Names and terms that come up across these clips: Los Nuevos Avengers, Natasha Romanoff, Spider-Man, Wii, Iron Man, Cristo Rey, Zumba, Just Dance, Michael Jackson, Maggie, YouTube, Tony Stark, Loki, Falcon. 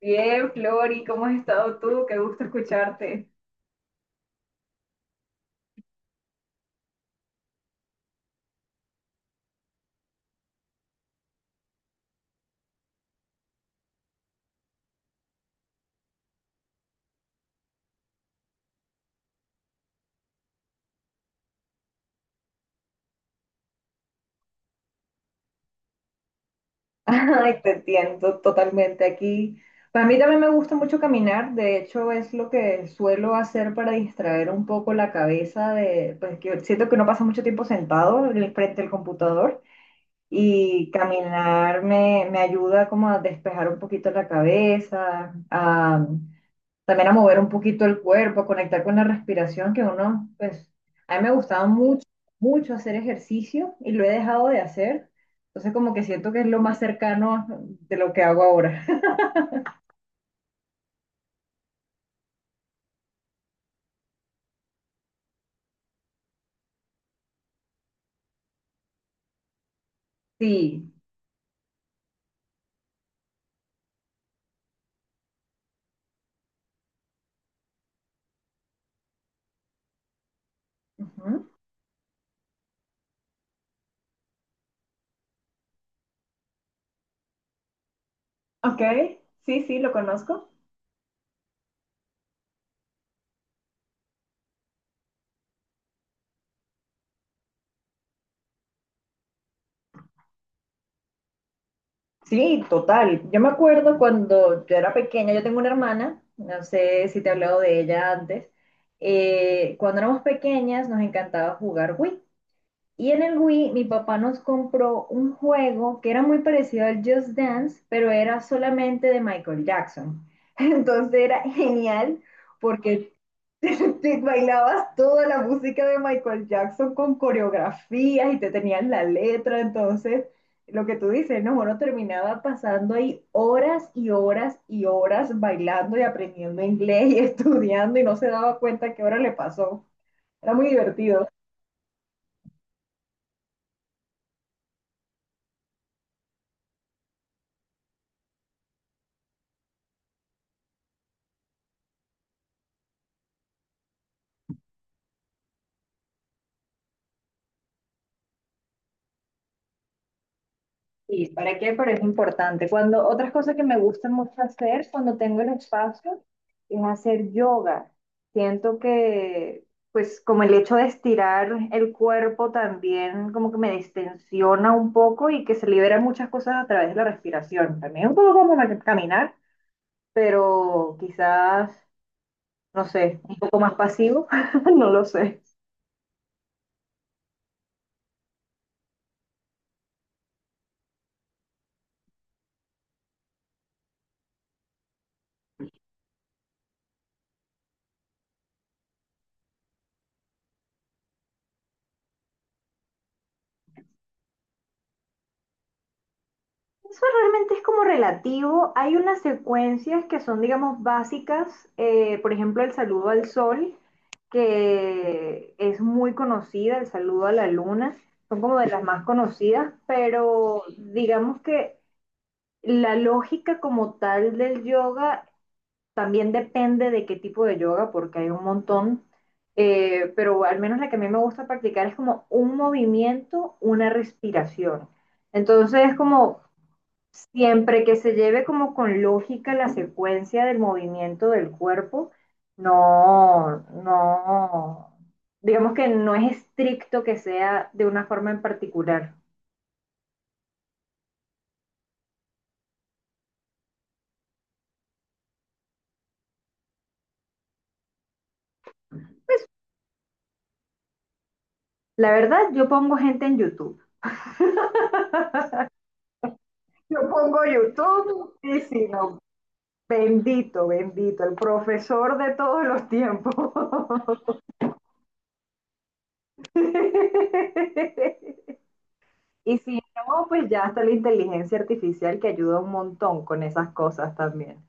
Bien, Flori, ¿cómo has estado tú? Qué gusto escucharte. Ay, te entiendo totalmente aquí. Para mí también me gusta mucho caminar, de hecho es lo que suelo hacer para distraer un poco la cabeza pues que siento que uno pasa mucho tiempo sentado en el frente del computador y caminar me ayuda como a despejar un poquito la cabeza. También a mover un poquito el cuerpo, a conectar con la respiración, que uno, pues, a mí me gustaba mucho, mucho hacer ejercicio y lo he dejado de hacer. Entonces como que siento que es lo más cercano de lo que hago ahora. Sí. Ujú. Ok, sí, sí, lo conozco. Sí, total. Yo me acuerdo cuando yo era pequeña, yo tengo una hermana, no sé si te he hablado de ella antes. Cuando éramos pequeñas nos encantaba jugar Wii. Y en el Wii mi papá nos compró un juego que era muy parecido al Just Dance, pero era solamente de Michael Jackson. Entonces era genial porque te bailabas toda la música de Michael Jackson con coreografías y te tenías la letra. Entonces, lo que tú dices, no, bueno, terminaba pasando ahí horas y horas y horas bailando y aprendiendo inglés y estudiando y no se daba cuenta qué hora le pasó. Era muy divertido. Sí, ¿para qué? Pero es importante. Cuando otras cosas que me gusta mucho hacer cuando tengo el espacio es hacer yoga. Siento que, pues, como el hecho de estirar el cuerpo también como que me distensiona un poco y que se liberan muchas cosas a través de la respiración. También un poco como caminar, pero quizás, no sé, un poco más pasivo. No lo sé. Eso realmente es como relativo. Hay unas secuencias que son, digamos, básicas. Por ejemplo, el saludo al sol, que es muy conocida, el saludo a la luna, son como de las más conocidas, pero digamos que la lógica como tal del yoga también depende de qué tipo de yoga, porque hay un montón. Pero al menos la que a mí me gusta practicar es como un movimiento, una respiración. Entonces, es como siempre que se lleve como con lógica la secuencia del movimiento del cuerpo. No, no, digamos que no es estricto que sea de una forma en particular. La verdad, yo pongo gente en YouTube. Yo pongo YouTube y si no, bendito, bendito, el profesor de todos los tiempos. Y si no, pues ya está la inteligencia artificial que ayuda un montón con esas cosas también.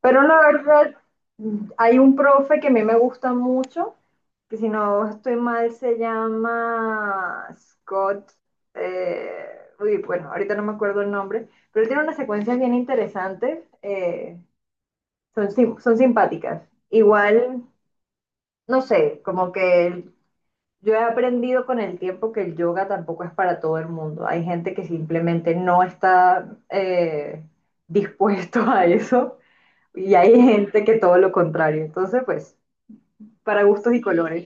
Pero la verdad, hay un profe que a mí me gusta mucho, que si no estoy mal se llama Scott. eh, Uy, bueno, ahorita no me acuerdo el nombre, pero él tiene unas secuencias bien interesantes, son simpáticas. Igual, no sé, como que yo he aprendido con el tiempo que el yoga tampoco es para todo el mundo. Hay gente que simplemente no está dispuesto a eso. Y hay gente que todo lo contrario. Entonces, pues, para gustos y colores.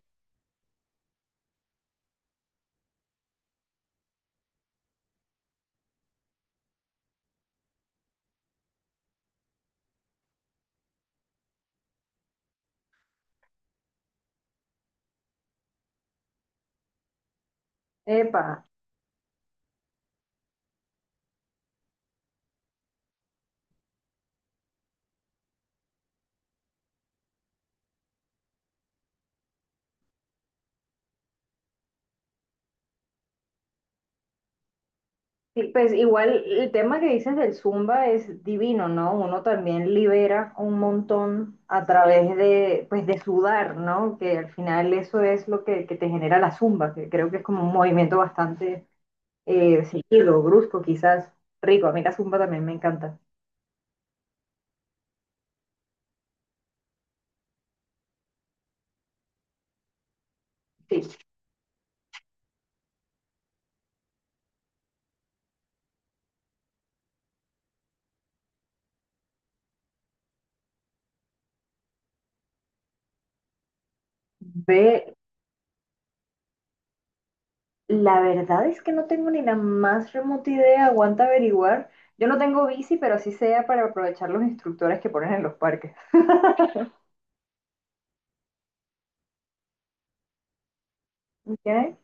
Epa. Sí, pues igual el tema que dices del Zumba es divino, ¿no? Uno también libera un montón a través de, pues, de sudar, ¿no? Que al final eso es lo que te genera la Zumba, que creo que es como un movimiento bastante seguido, brusco, quizás rico. A mí la Zumba también me encanta. Sí. Ve, la verdad es que no tengo ni la más remota idea, aguanta averiguar. Yo no tengo bici, pero sí sea para aprovechar los instructores que ponen en los parques. ¿Ok?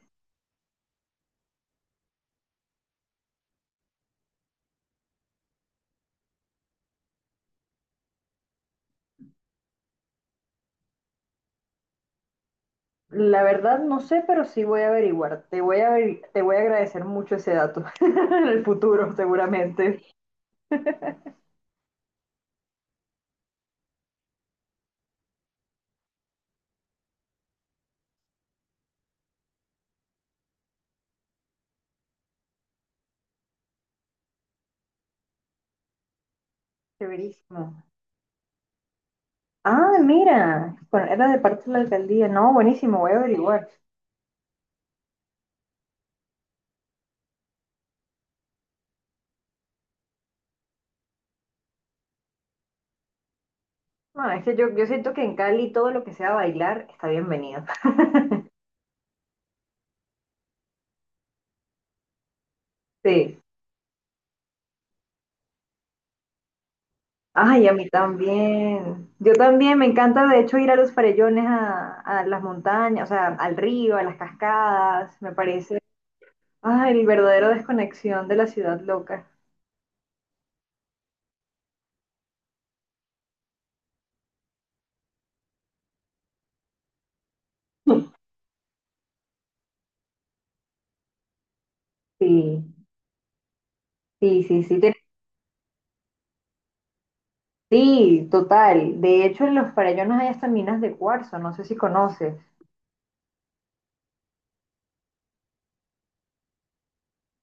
La verdad no sé, pero sí voy a averiguar. Te voy a agradecer mucho ese dato en el futuro, seguramente. Severísimo. Ah, mira, bueno, era de parte de la alcaldía. No, buenísimo, voy a averiguar. No, es que yo siento que en Cali todo lo que sea bailar está bienvenido. Sí. Ay, a mí también. Yo también, me encanta de hecho ir a los farellones, a las montañas, o sea, al río, a las cascadas. Me parece, ay, el verdadero desconexión de la ciudad loca. Sí, sí, sí, sí, sí, total. De hecho, en los farellones hay hasta minas de cuarzo, no sé si conoces.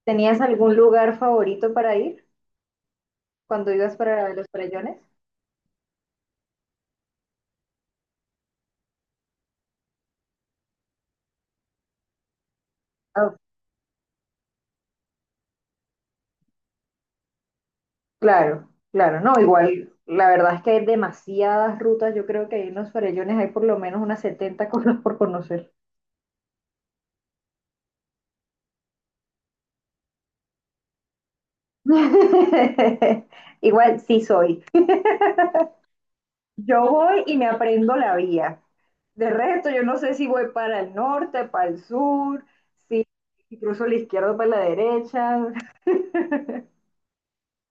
¿Tenías algún lugar favorito para ir cuando ibas para los farellones? Claro, claro, no, igual, la verdad es que hay demasiadas rutas, yo creo que ahí en los farellones hay por lo menos unas 70 cosas por conocer. Igual sí soy. Yo voy y me aprendo la vía. De resto, yo no sé si voy para el norte, para el sur, si si cruzo la izquierda o para la derecha.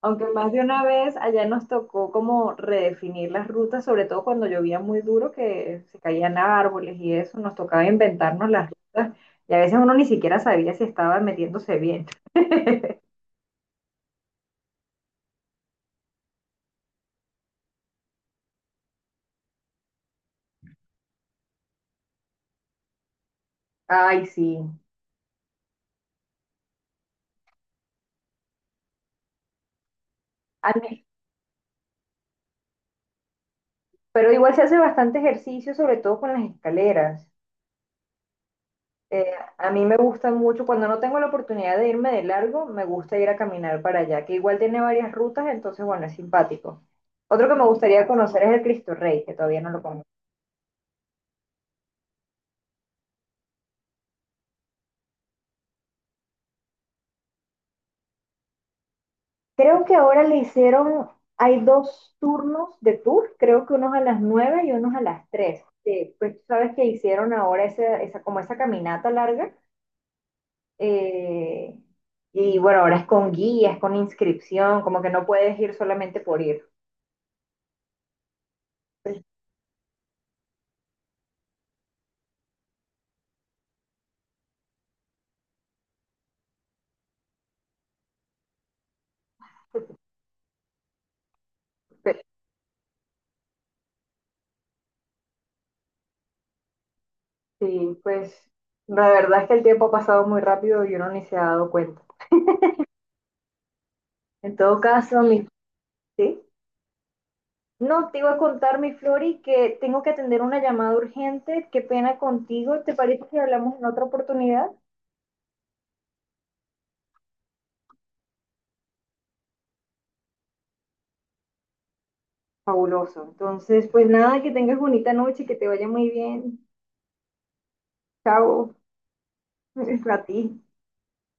Aunque más de una vez allá nos tocó como redefinir las rutas, sobre todo cuando llovía muy duro, que se caían árboles y eso, nos tocaba inventarnos las rutas y a veces uno ni siquiera sabía si estaba metiéndose bien. Ay, sí. A mí- Pero igual se hace bastante ejercicio, sobre todo con las escaleras. Eh, a mí me gusta mucho, cuando no tengo la oportunidad de irme de largo, me gusta ir a caminar para allá, que igual tiene varias rutas, entonces, bueno, es simpático. Otro que me gustaría conocer es el Cristo Rey, que todavía no lo conozco. Creo que ahora le hicieron, hay dos turnos de tour, creo que unos a las 9 y unos a las 3. Pues tú sabes que hicieron ahora esa, como esa caminata larga. eh, y bueno, ahora es con guías, con inscripción, como que no puedes ir solamente por ir. Pues, pe- sí, pues la verdad es que el tiempo ha pasado muy rápido y uno ni se ha dado cuenta. En todo caso, mi... ¿Sí? No, te iba a contar, mi Flori, que tengo que atender una llamada urgente. Qué pena contigo. ¿Te parece que hablamos en otra oportunidad? Fabuloso. Entonces, pues nada, que tengas bonita noche, que te vaya muy bien. Chao. A ti.